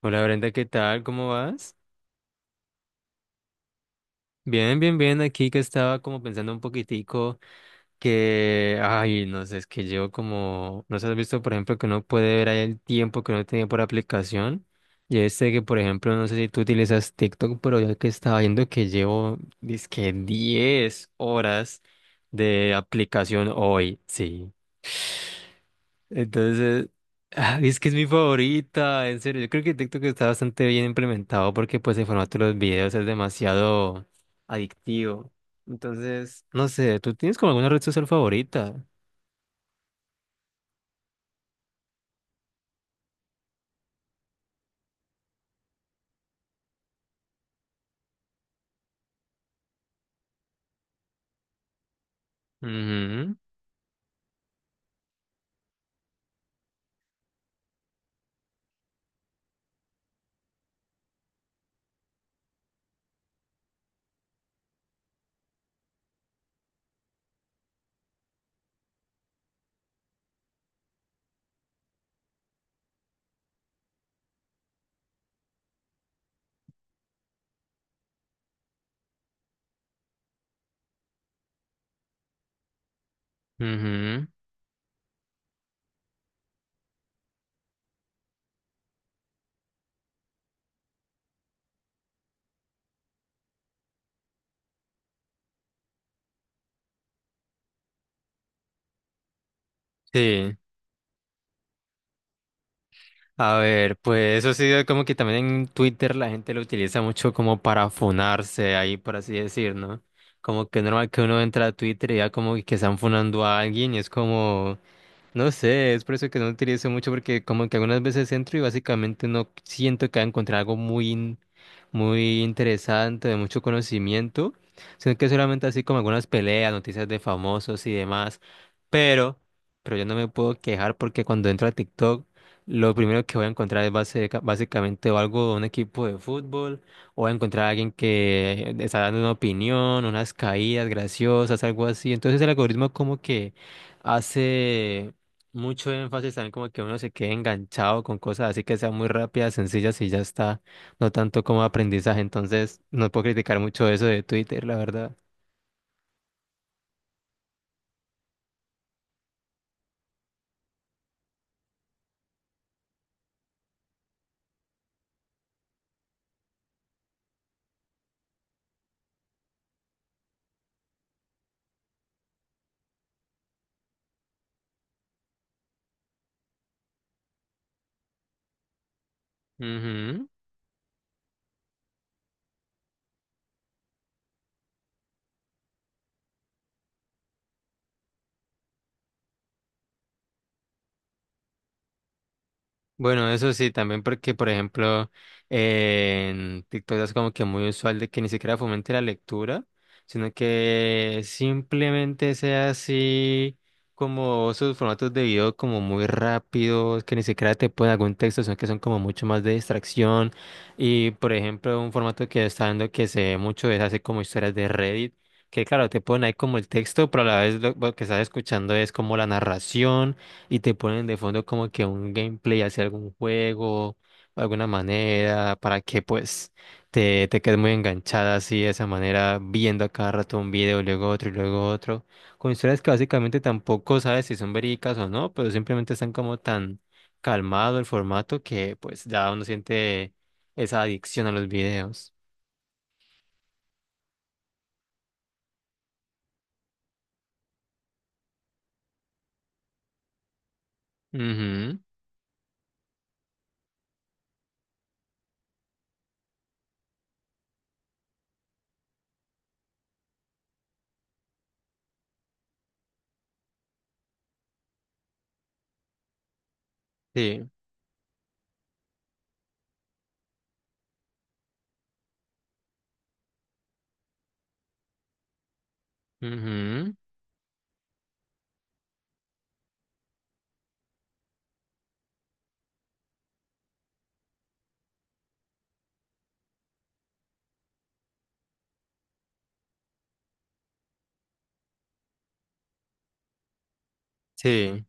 Hola Brenda, ¿qué tal? ¿Cómo vas? Bien, bien, bien. Aquí que estaba como pensando un poquitico que, ay, no sé, es que llevo como, no sé, has visto, por ejemplo, que uno puede ver ahí el tiempo que uno tenía por aplicación. Y este que, por ejemplo, no sé si tú utilizas TikTok, pero ya que estaba viendo que llevo, dizque 10 horas de aplicación hoy. Sí. Entonces, ah, es que es mi favorita, en serio. Yo creo que TikTok está bastante bien implementado porque pues el formato de los videos es demasiado adictivo. Entonces, no sé, ¿tú tienes como alguna red social favorita? Mhm. Mhm. Sí. A ver, pues eso sí, como que también en Twitter la gente lo utiliza mucho como para funarse ahí, por así decir, ¿no? Como que es normal que uno entra a Twitter y ya como que están funando a alguien y es como no sé, es por eso que no utilizo mucho porque como que algunas veces entro y básicamente no siento que haya encontrado algo muy, muy interesante, de mucho conocimiento, sino que solamente así como algunas peleas, noticias de famosos y demás. Pero, pero yo no me puedo quejar porque cuando entro a TikTok, lo primero que voy a encontrar es básicamente o algo de un equipo de fútbol, o voy a encontrar a alguien que está dando una opinión, unas caídas graciosas, algo así. Entonces el algoritmo como que hace mucho énfasis también como que uno se quede enganchado con cosas así que sean muy rápidas, sencillas y ya está, no tanto como aprendizaje. Entonces, no puedo criticar mucho eso de Twitter, la verdad. Ujú. Bueno, eso sí, también porque, por ejemplo, en TikTok es como que muy usual de que ni siquiera fomente la lectura, sino que simplemente sea así como sus formatos de video como muy rápidos, que ni siquiera te ponen algún texto, sino que son como mucho más de distracción. Y, por ejemplo, un formato que está dando que se ve mucho es así como historias de Reddit, que claro, te ponen ahí como el texto, pero a la vez lo que estás escuchando es como la narración y te ponen de fondo como que un gameplay hacia algún juego, de alguna manera, para que pues te quedes muy enganchada así de esa manera, viendo a cada rato un video, luego otro y luego otro, con historias que básicamente tampoco sabes si son verídicas o no, pero simplemente están como tan calmado el formato que pues ya uno siente esa adicción a los videos. Ujú, sí, ujú, sí.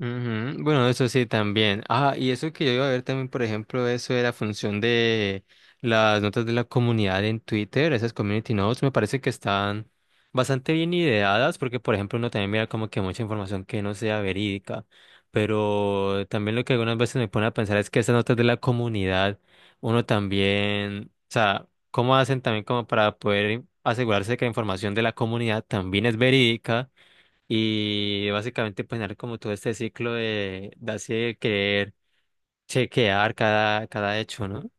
Ujú. Bueno, eso sí también. Ah, y eso que yo iba a ver también, por ejemplo, eso de la función de las notas de la comunidad en Twitter, esas community notes, me parece que están bastante bien ideadas, porque, por ejemplo, uno también mira como que mucha información que no sea verídica, pero también lo que algunas veces me pone a pensar es que esas notas de la comunidad, uno también, o sea, ¿cómo hacen también como para poder asegurarse que la información de la comunidad también es verídica? Y básicamente poner como todo este ciclo de así de querer chequear cada hecho, ¿no?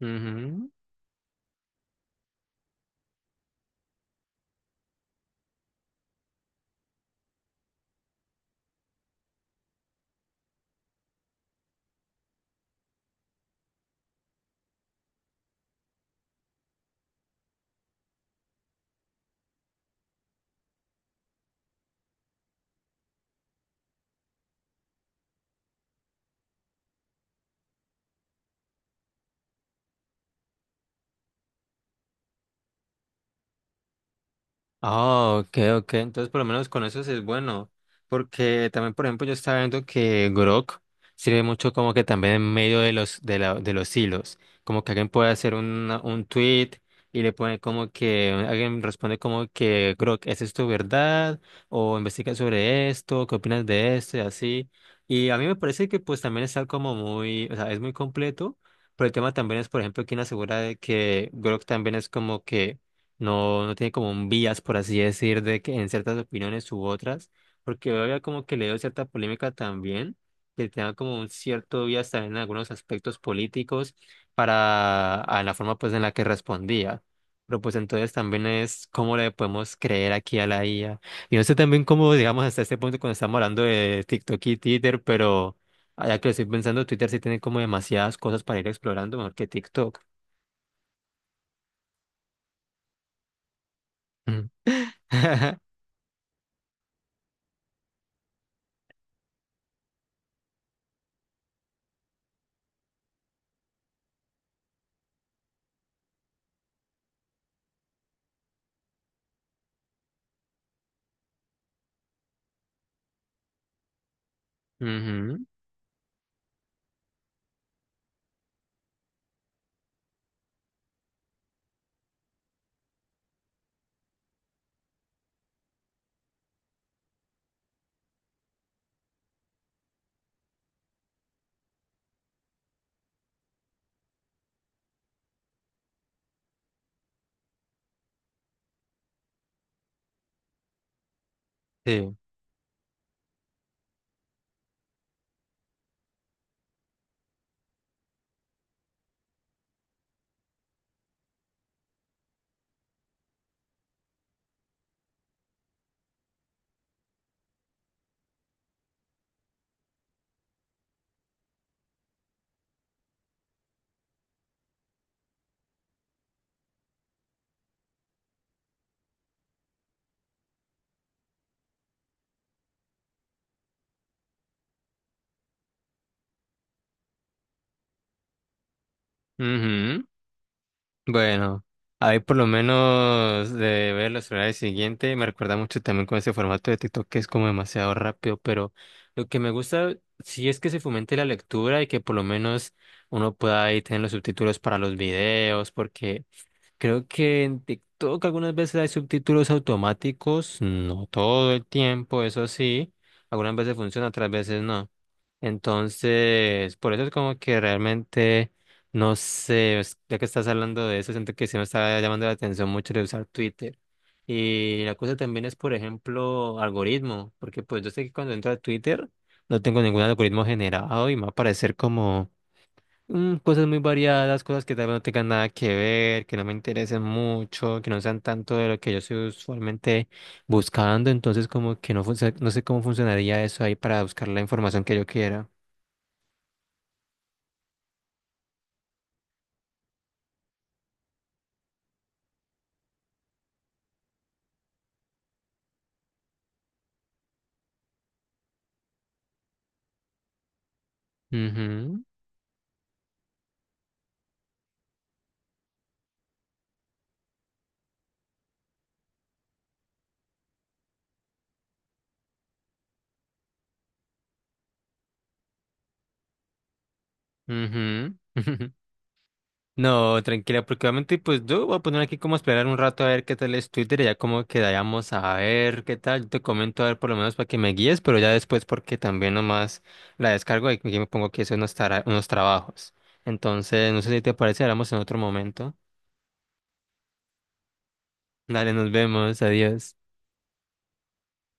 Ujú. Ah, ok, ok. Entonces, por lo menos con eso sí es bueno. Porque también, por ejemplo, yo estaba viendo que Grok sirve mucho como que también en medio de los hilos. Como que alguien puede hacer un tweet y le pone como que alguien responde como que Grok, ¿es esto verdad? O investiga sobre esto, ¿qué opinas de esto? Y así. Y a mí me parece que pues también está como muy, o sea, es muy completo. Pero el tema también es, por ejemplo, quién asegura de que Grok también es como que no tiene como un vías, por así decir, de que en ciertas opiniones u otras, porque había como que le dio cierta polémica también, que tenga como un cierto vías también en algunos aspectos políticos para a la forma pues en la que respondía. Pero pues entonces también es cómo le podemos creer aquí a la IA. Y no sé también cómo, digamos, hasta este punto cuando estamos hablando de TikTok y Twitter, pero ya que lo estoy pensando, Twitter sí tiene como demasiadas cosas para ir explorando, mejor que TikTok. Ujú. Ujú, sí. Ujú. Bueno, ahí por lo menos de ver los horarios siguientes, me recuerda mucho también con ese formato de TikTok que es como demasiado rápido, pero lo que me gusta sí es que se fomente la lectura y que por lo menos uno pueda ahí tener los subtítulos para los videos, porque creo que en TikTok algunas veces hay subtítulos automáticos, no todo el tiempo, eso sí, algunas veces funciona, otras veces no. Entonces, por eso es como que realmente, no sé, ya que estás hablando de eso, siento que sí me está llamando la atención mucho de usar Twitter. Y la cosa también es, por ejemplo, algoritmo, porque pues yo sé que cuando entro a Twitter no tengo ningún algoritmo generado y me va a aparecer como cosas muy variadas, cosas que tal vez no tengan nada que ver, que no me interesen mucho, que no sean tanto de lo que yo estoy usualmente buscando, entonces como que no, no sé cómo funcionaría eso ahí para buscar la información que yo quiera. Ujú, ujú, ujú. No, tranquila, porque obviamente pues yo voy a poner aquí como a esperar un rato a ver qué tal es Twitter y ya como quedamos a ver qué tal. Yo te comento a ver por lo menos para que me guíes, pero ya después porque también nomás la descargo y aquí me pongo que hacer unos trabajos. Entonces, no sé si te parece, hablamos en otro momento. Dale, nos vemos, adiós.